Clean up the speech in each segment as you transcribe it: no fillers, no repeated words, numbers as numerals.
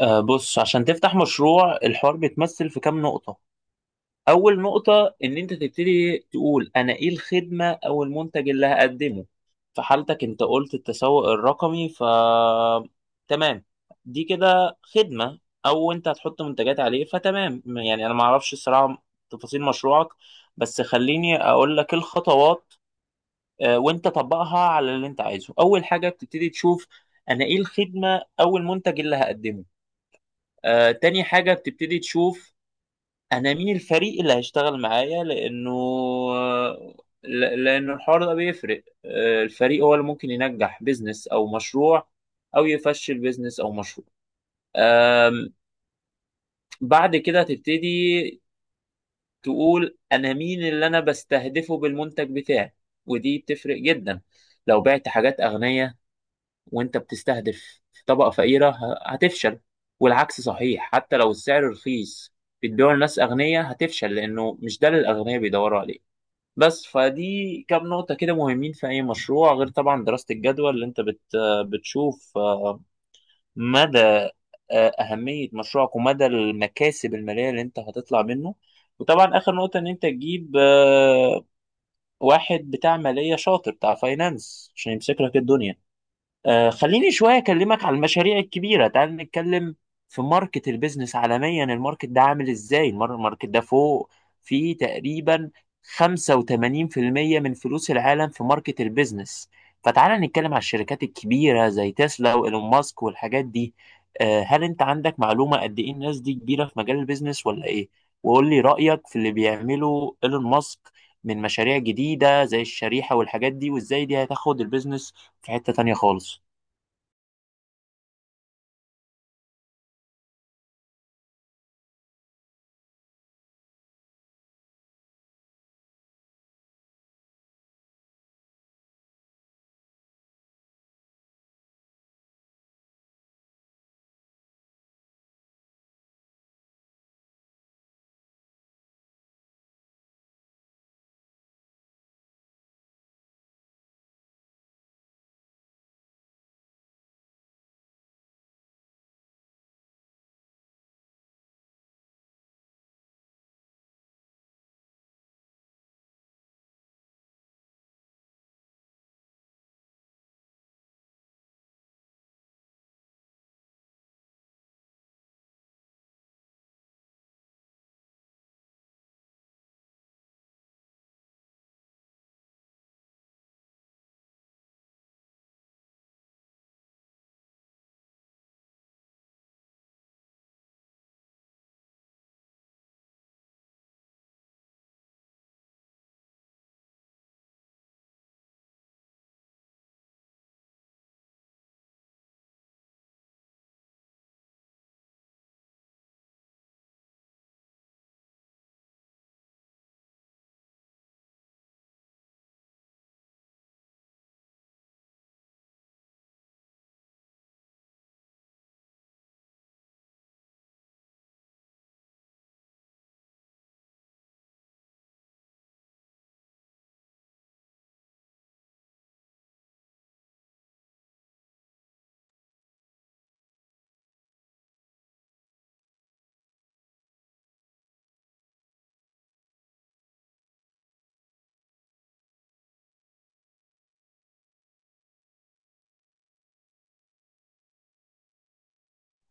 بص، عشان تفتح مشروع الحوار بيتمثل في كام نقطة. أول نقطة إن أنت تبتدي تقول أنا إيه الخدمة أو المنتج اللي هقدمه. في حالتك أنت قلت التسوق الرقمي، ف تمام، دي كده خدمة أو أنت هتحط منتجات عليه، فتمام. يعني أنا معرفش الصراحة تفاصيل مشروعك، بس خليني أقول لك الخطوات. وأنت طبقها على اللي أنت عايزه. أول حاجة بتبتدي تشوف أنا إيه الخدمة أو المنتج اللي هقدمه. تاني حاجة بتبتدي تشوف أنا مين الفريق اللي هيشتغل معايا، لأنه لأنه الحوار ده بيفرق. الفريق هو اللي ممكن ينجح بيزنس أو مشروع أو يفشل بيزنس أو مشروع. آم، بعد كده هتبتدي تقول أنا مين اللي أنا بستهدفه بالمنتج بتاعي. ودي بتفرق جدا. لو بعت حاجات أغنية وانت بتستهدف طبقة فقيرة هتفشل، والعكس صحيح. حتى لو السعر رخيص بتبيعه لناس أغنياء هتفشل، لأنه مش ده اللي الأغنياء بيدوروا عليه. بس فدي كام نقطة كده مهمين في أي مشروع، غير طبعا دراسة الجدوى اللي أنت بتشوف مدى أهمية مشروعك ومدى المكاسب المالية اللي أنت هتطلع منه. وطبعا آخر نقطة إن أنت تجيب واحد بتاع مالية شاطر، بتاع فاينانس، عشان يمسك لك الدنيا. آه، خليني شوية أكلمك على المشاريع الكبيرة. تعال نتكلم في ماركت البيزنس عالميا، الماركت ده عامل إزاي؟ الماركت ده فوق. في تقريبا 85% من فلوس العالم في ماركت البيزنس. فتعال نتكلم على الشركات الكبيرة زي تسلا وإيلون ماسك والحاجات دي. آه، هل أنت عندك معلومة قد إيه الناس دي كبيرة في مجال البيزنس ولا إيه؟ وقول لي رأيك في اللي بيعمله إيلون ماسك من مشاريع جديدة زي الشريحة والحاجات دي، وإزاي دي هتاخد البيزنس في حتة تانية خالص.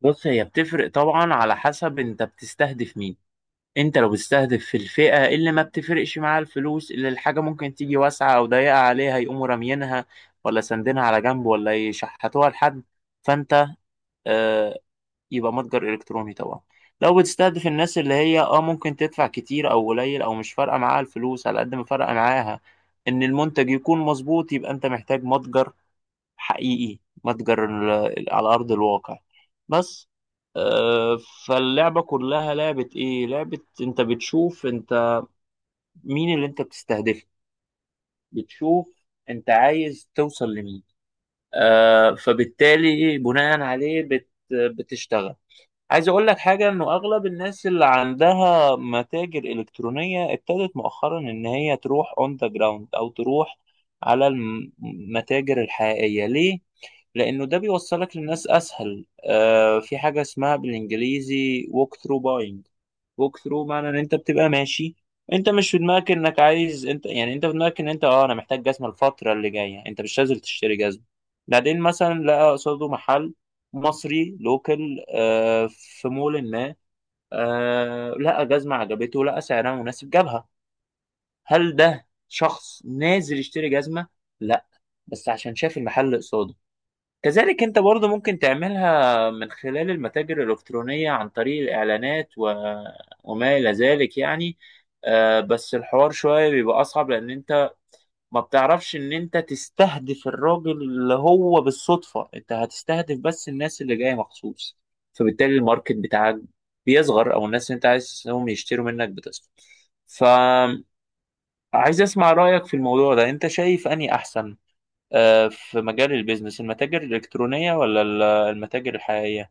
بص، هي بتفرق طبعا على حسب انت بتستهدف مين. انت لو بتستهدف في الفئة اللي ما بتفرقش معاها الفلوس، اللي الحاجة ممكن تيجي واسعة او ضيقة عليها يقوموا راميينها ولا ساندينها على جنب ولا يشحتوها لحد، فانت آه يبقى متجر الكتروني طبعا. لو بتستهدف الناس اللي هي اه ممكن تدفع كتير او قليل او مش فارقة معاها الفلوس، على قد ما فارقة معاها ان المنتج يكون مظبوط، يبقى انت محتاج متجر حقيقي. على أرض الواقع. بس آه، فاللعبة كلها لعبة إيه؟ لعبة أنت بتشوف أنت مين اللي أنت بتستهدفه، بتشوف أنت عايز توصل لمين. فبالتالي بناء عليه بتشتغل. عايز أقول لك حاجة، إنه أغلب الناس اللي عندها متاجر إلكترونية ابتدت مؤخرا إن هي تروح أون ذا جراوند، أو تروح على المتاجر الحقيقية. ليه؟ لأنه ده بيوصلك للناس أسهل. آه، في حاجة اسمها بالإنجليزي walk through buying. walk through معنى إن أنت بتبقى ماشي، أنت مش في دماغك إنك عايز. أنت يعني أنت في دماغك إن أنت أه أنا محتاج جزمة الفترة اللي جاية، أنت مش نازل تشتري جزمة. بعدين مثلا لقى قصاده محل مصري لوكال آه في مول ما، آه لقى جزمة عجبته، لقى سعرها مناسب، جابها. هل ده شخص نازل يشتري جزمة؟ لا، بس عشان شاف المحل قصاده. كذلك انت برضو ممكن تعملها من خلال المتاجر الإلكترونية عن طريق الإعلانات وما إلى ذلك يعني. آه، بس الحوار شوية بيبقى أصعب، لأن انت ما بتعرفش إن انت تستهدف الراجل اللي هو بالصدفة، انت هتستهدف بس الناس اللي جاية مخصوص. فبالتالي الماركت بتاعك بيصغر، أو الناس اللي انت عايزهم يشتروا منك بتصغر. فعايز أسمع رأيك في الموضوع ده، انت شايف أني أحسن في مجال البيزنس المتاجر الإلكترونية ولا المتاجر الحقيقية؟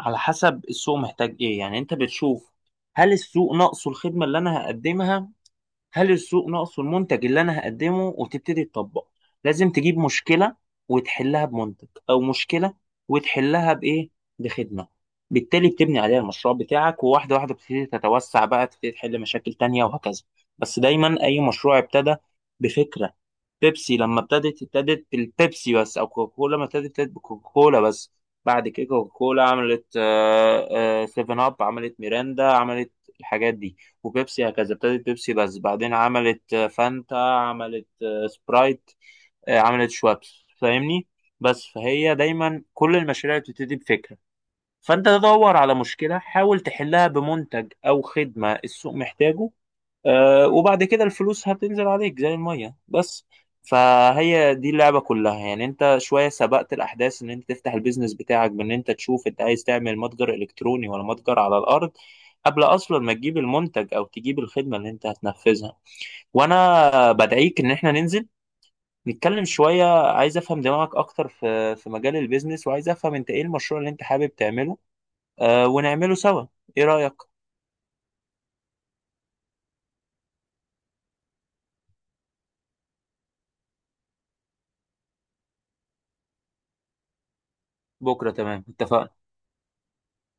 على حسب السوق محتاج إيه. يعني أنت بتشوف هل السوق ناقصه الخدمة اللي أنا هقدمها، هل السوق ناقصه المنتج اللي أنا هقدمه، وتبتدي تطبق. لازم تجيب مشكلة وتحلها بمنتج، أو مشكلة وتحلها بإيه، بخدمة. بالتالي بتبني عليها المشروع بتاعك، وواحدة واحدة بتبتدي تتوسع بقى، تبتدي تحل مشاكل تانية وهكذا. بس دايما أي مشروع ابتدى بفكرة. بيبسي لما ابتدت ابتدت بالبيبسي بس، او كوكاكولا ما ابتدت ابتدت بكوكاكولا بس. بعد كده كوكاكولا عملت سيفن اب، عملت ميرندا، عملت الحاجات دي. وبيبسي هكذا ابتدت بيبسي بس، بعدين عملت فانتا، عملت سبرايت، عملت شوابس، فاهمني؟ بس فهي دايما كل المشاريع بتبتدي بفكرة. فانت تدور على مشكلة حاول تحلها بمنتج او خدمة السوق محتاجه. وبعد كده الفلوس هتنزل عليك زي المية بس. فهي دي اللعبة كلها. يعني انت شوية سبقت الأحداث ان انت تفتح البيزنس بتاعك بان انت تشوف انت عايز تعمل متجر إلكتروني ولا متجر على الأرض قبل أصلا ما تجيب المنتج أو تجيب الخدمة اللي انت هتنفذها. وأنا بدعيك ان احنا ننزل نتكلم شوية. عايز أفهم دماغك أكتر في مجال البيزنس، وعايز أفهم انت ايه المشروع اللي انت حابب تعمله. ونعمله سوا. ايه رأيك؟ بكرة تمام، اتفقنا.